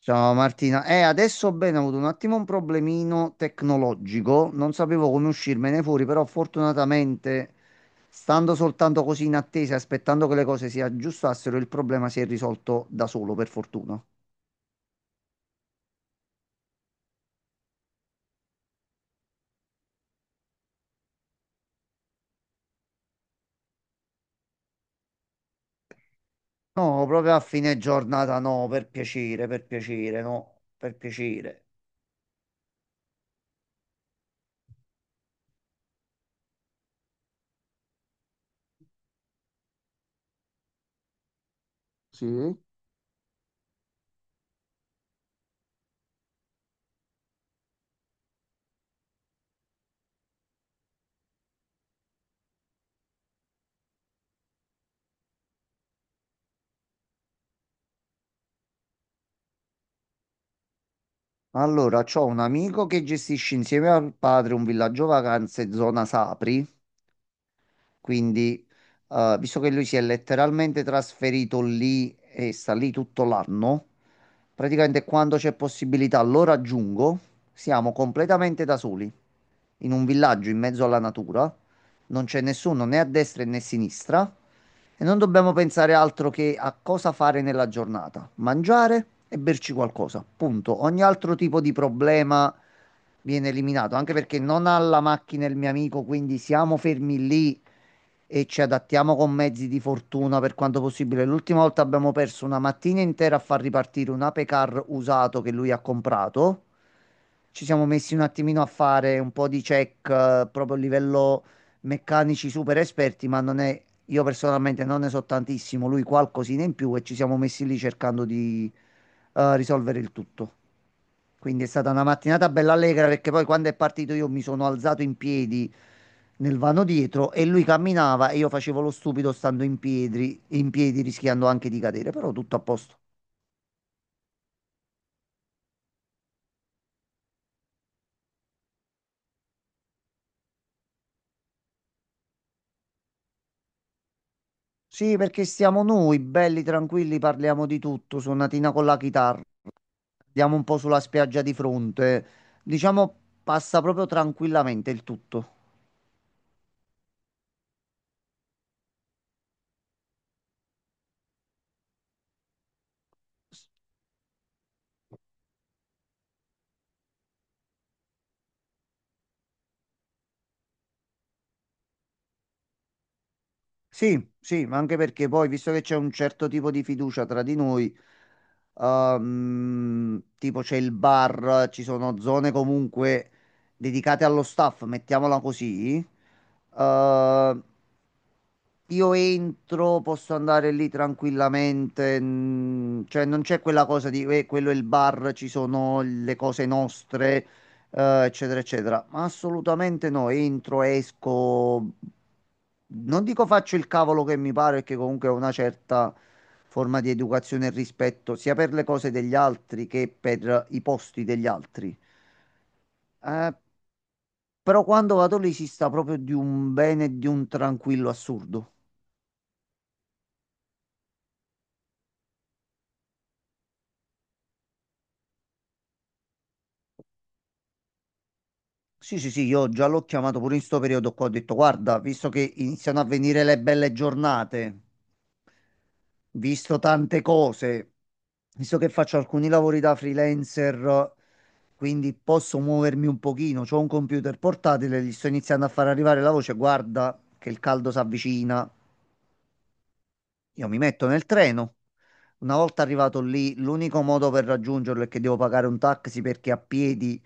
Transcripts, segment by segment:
Ciao Martina, adesso bene, ho avuto un attimo un problemino tecnologico, non sapevo come uscirmene fuori, però fortunatamente, stando soltanto così in attesa, aspettando che le cose si aggiustassero, il problema si è risolto da solo, per fortuna. No, proprio a fine giornata, no, per piacere, no, per piacere. Sì. Allora, c'ho un amico che gestisce insieme al padre un villaggio vacanze zona Sapri. Quindi, visto che lui si è letteralmente trasferito lì e sta lì tutto l'anno, praticamente quando c'è possibilità lo raggiungo. Siamo completamente da soli, in un villaggio in mezzo alla natura. Non c'è nessuno né a destra né a sinistra e non dobbiamo pensare altro che a cosa fare nella giornata, mangiare e berci qualcosa. Punto. Ogni altro tipo di problema viene eliminato, anche perché non ha la macchina il mio amico, quindi siamo fermi lì e ci adattiamo con mezzi di fortuna per quanto possibile. L'ultima volta abbiamo perso una mattina intera a far ripartire un apecar usato che lui ha comprato. Ci siamo messi un attimino a fare un po' di check, proprio a livello meccanici super esperti, ma non è, io personalmente non ne so tantissimo, lui qualcosina in più e ci siamo messi lì cercando di risolvere il tutto. Quindi è stata una mattinata bella allegra perché poi quando è partito io mi sono alzato in piedi nel vano dietro e lui camminava e io facevo lo stupido stando in piedi rischiando anche di cadere, però tutto a posto. Sì, perché siamo noi, belli, tranquilli, parliamo di tutto, suonatina con la chitarra, andiamo un po' sulla spiaggia di fronte, diciamo passa proprio tranquillamente il tutto. Sì, sì, ma anche perché poi, visto che c'è un certo tipo di fiducia tra di noi, tipo c'è il bar, ci sono zone comunque dedicate allo staff, mettiamola così. Eh, io entro, posso andare lì tranquillamente, cioè non c'è quella cosa di quello è il bar, ci sono le cose nostre, eccetera, eccetera". Ma assolutamente no, entro, esco, non dico faccio il cavolo che mi pare, perché comunque ho una certa forma di educazione e rispetto sia per le cose degli altri che per i posti degli altri. Eh, Però quando vado lì si sta proprio di un bene e di un tranquillo assurdo. Sì, sì, sì, io già l'ho chiamato pure in sto periodo qua, ho detto, guarda, visto che iniziano a venire le belle giornate, visto tante cose, visto che faccio alcuni lavori da freelancer, quindi posso muovermi un pochino, c'ho un computer portatile, gli sto iniziando a far arrivare la voce, guarda che il caldo si avvicina, io mi metto nel treno. Una volta arrivato lì, l'unico modo per raggiungerlo è che devo pagare un taxi perché a piedi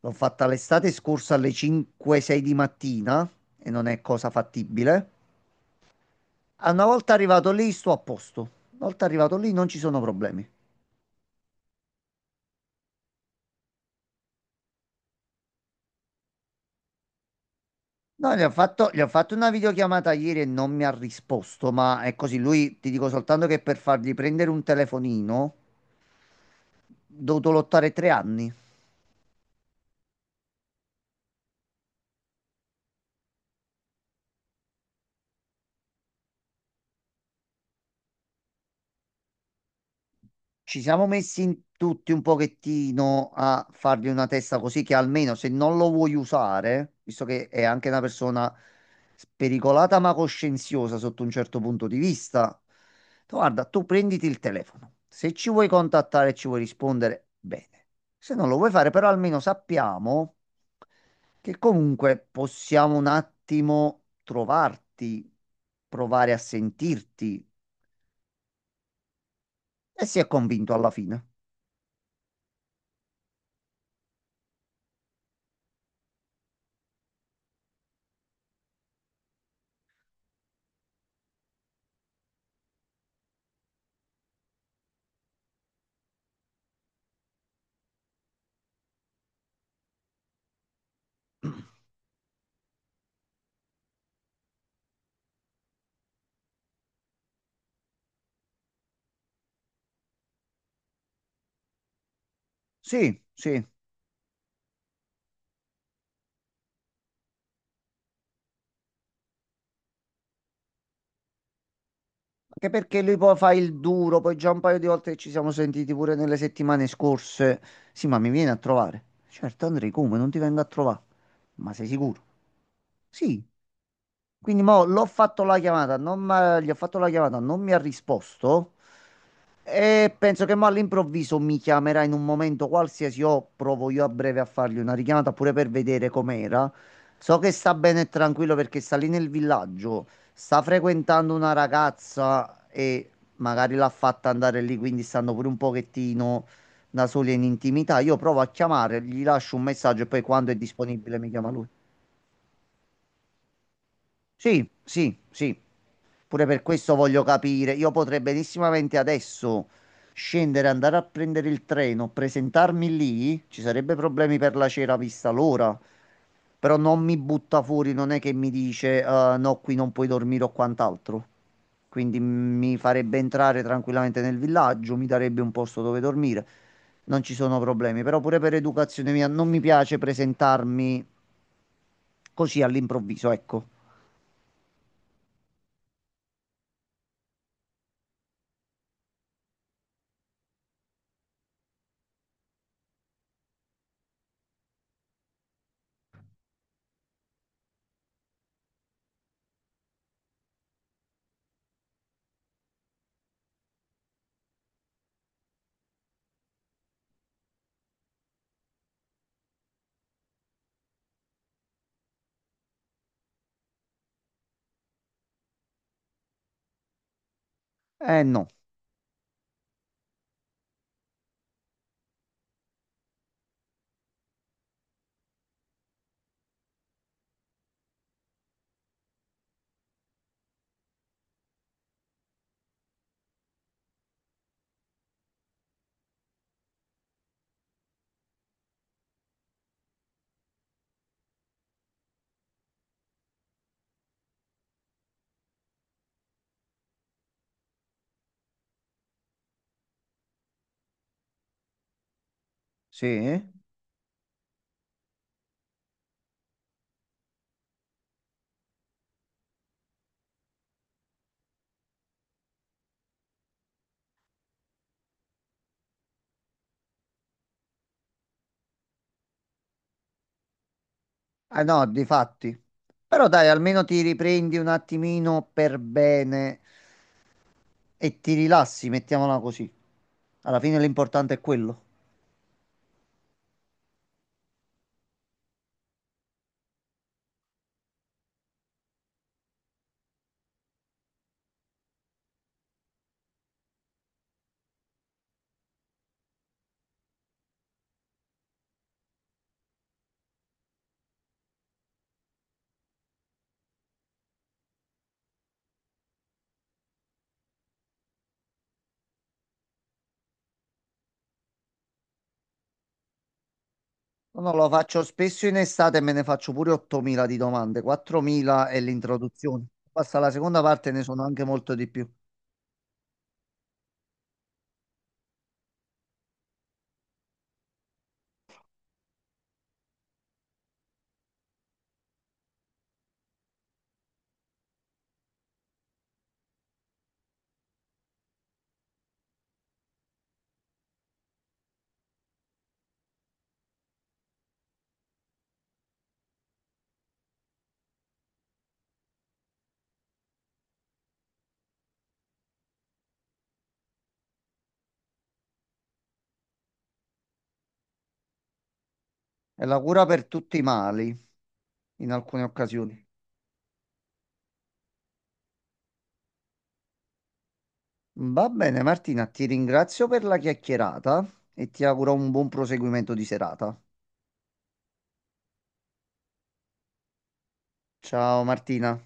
l'ho fatta l'estate scorsa alle 5-6 di mattina e non è cosa fattibile. Ah, una volta arrivato lì, sto a posto. Una volta arrivato lì, non ci sono problemi. No, gli ho fatto una videochiamata ieri e non mi ha risposto, ma è così. Lui, ti dico soltanto che per fargli prendere un telefonino, ho dovuto lottare 3 anni. Ci siamo messi in tutti un pochettino a fargli una testa così che almeno se non lo vuoi usare, visto che è anche una persona spericolata ma coscienziosa sotto un certo punto di vista, tu guarda, tu prenditi il telefono. Se ci vuoi contattare e ci vuoi rispondere, bene. Se non lo vuoi fare, però almeno sappiamo che comunque possiamo un attimo trovarti, provare a sentirti e si è convinto alla fine. Sì, sì. Anche perché lui poi fa il duro, poi già un paio di volte che ci siamo sentiti pure nelle settimane scorse. Sì, ma mi viene a trovare. Certo, Andrei, come? Non ti vengo a trovare. Ma sei sicuro? Sì, quindi mo l'ho fatto la chiamata, non m'ha- gli ho fatto la chiamata, non mi ha risposto e penso che mo all'improvviso mi chiamerà in un momento qualsiasi o provo io a breve a fargli una richiamata pure per vedere com'era. So che sta bene e tranquillo perché sta lì nel villaggio, sta frequentando una ragazza e magari l'ha fatta andare lì, quindi stanno pure un pochettino da soli e in intimità. Io provo a chiamare, gli lascio un messaggio e poi quando è disponibile mi chiama lui. Sì, sì, sì. Pure per questo voglio capire. Io potrei benissimamente adesso scendere, andare a prendere il treno, presentarmi lì. Ci sarebbe problemi per la cera vista l'ora. Però non mi butta fuori, non è che mi dice no, qui non puoi dormire o quant'altro". Quindi mi farebbe entrare tranquillamente nel villaggio, mi darebbe un posto dove dormire. Non ci sono problemi. Però pure per educazione mia non mi piace presentarmi così all'improvviso, ecco. Eh no, sì. Ah no, difatti. Però dai, almeno ti riprendi un attimino per bene e ti rilassi, mettiamola così. Alla fine l'importante è quello. No, no, lo faccio spesso in estate e me ne faccio pure 8.000 di domande. 4.000 è l'introduzione. Basta la seconda parte, ne sono anche molto di più. È la cura per tutti i mali, in alcune occasioni. Va bene, Martina, ti ringrazio per la chiacchierata e ti auguro un buon proseguimento di serata. Ciao Martina.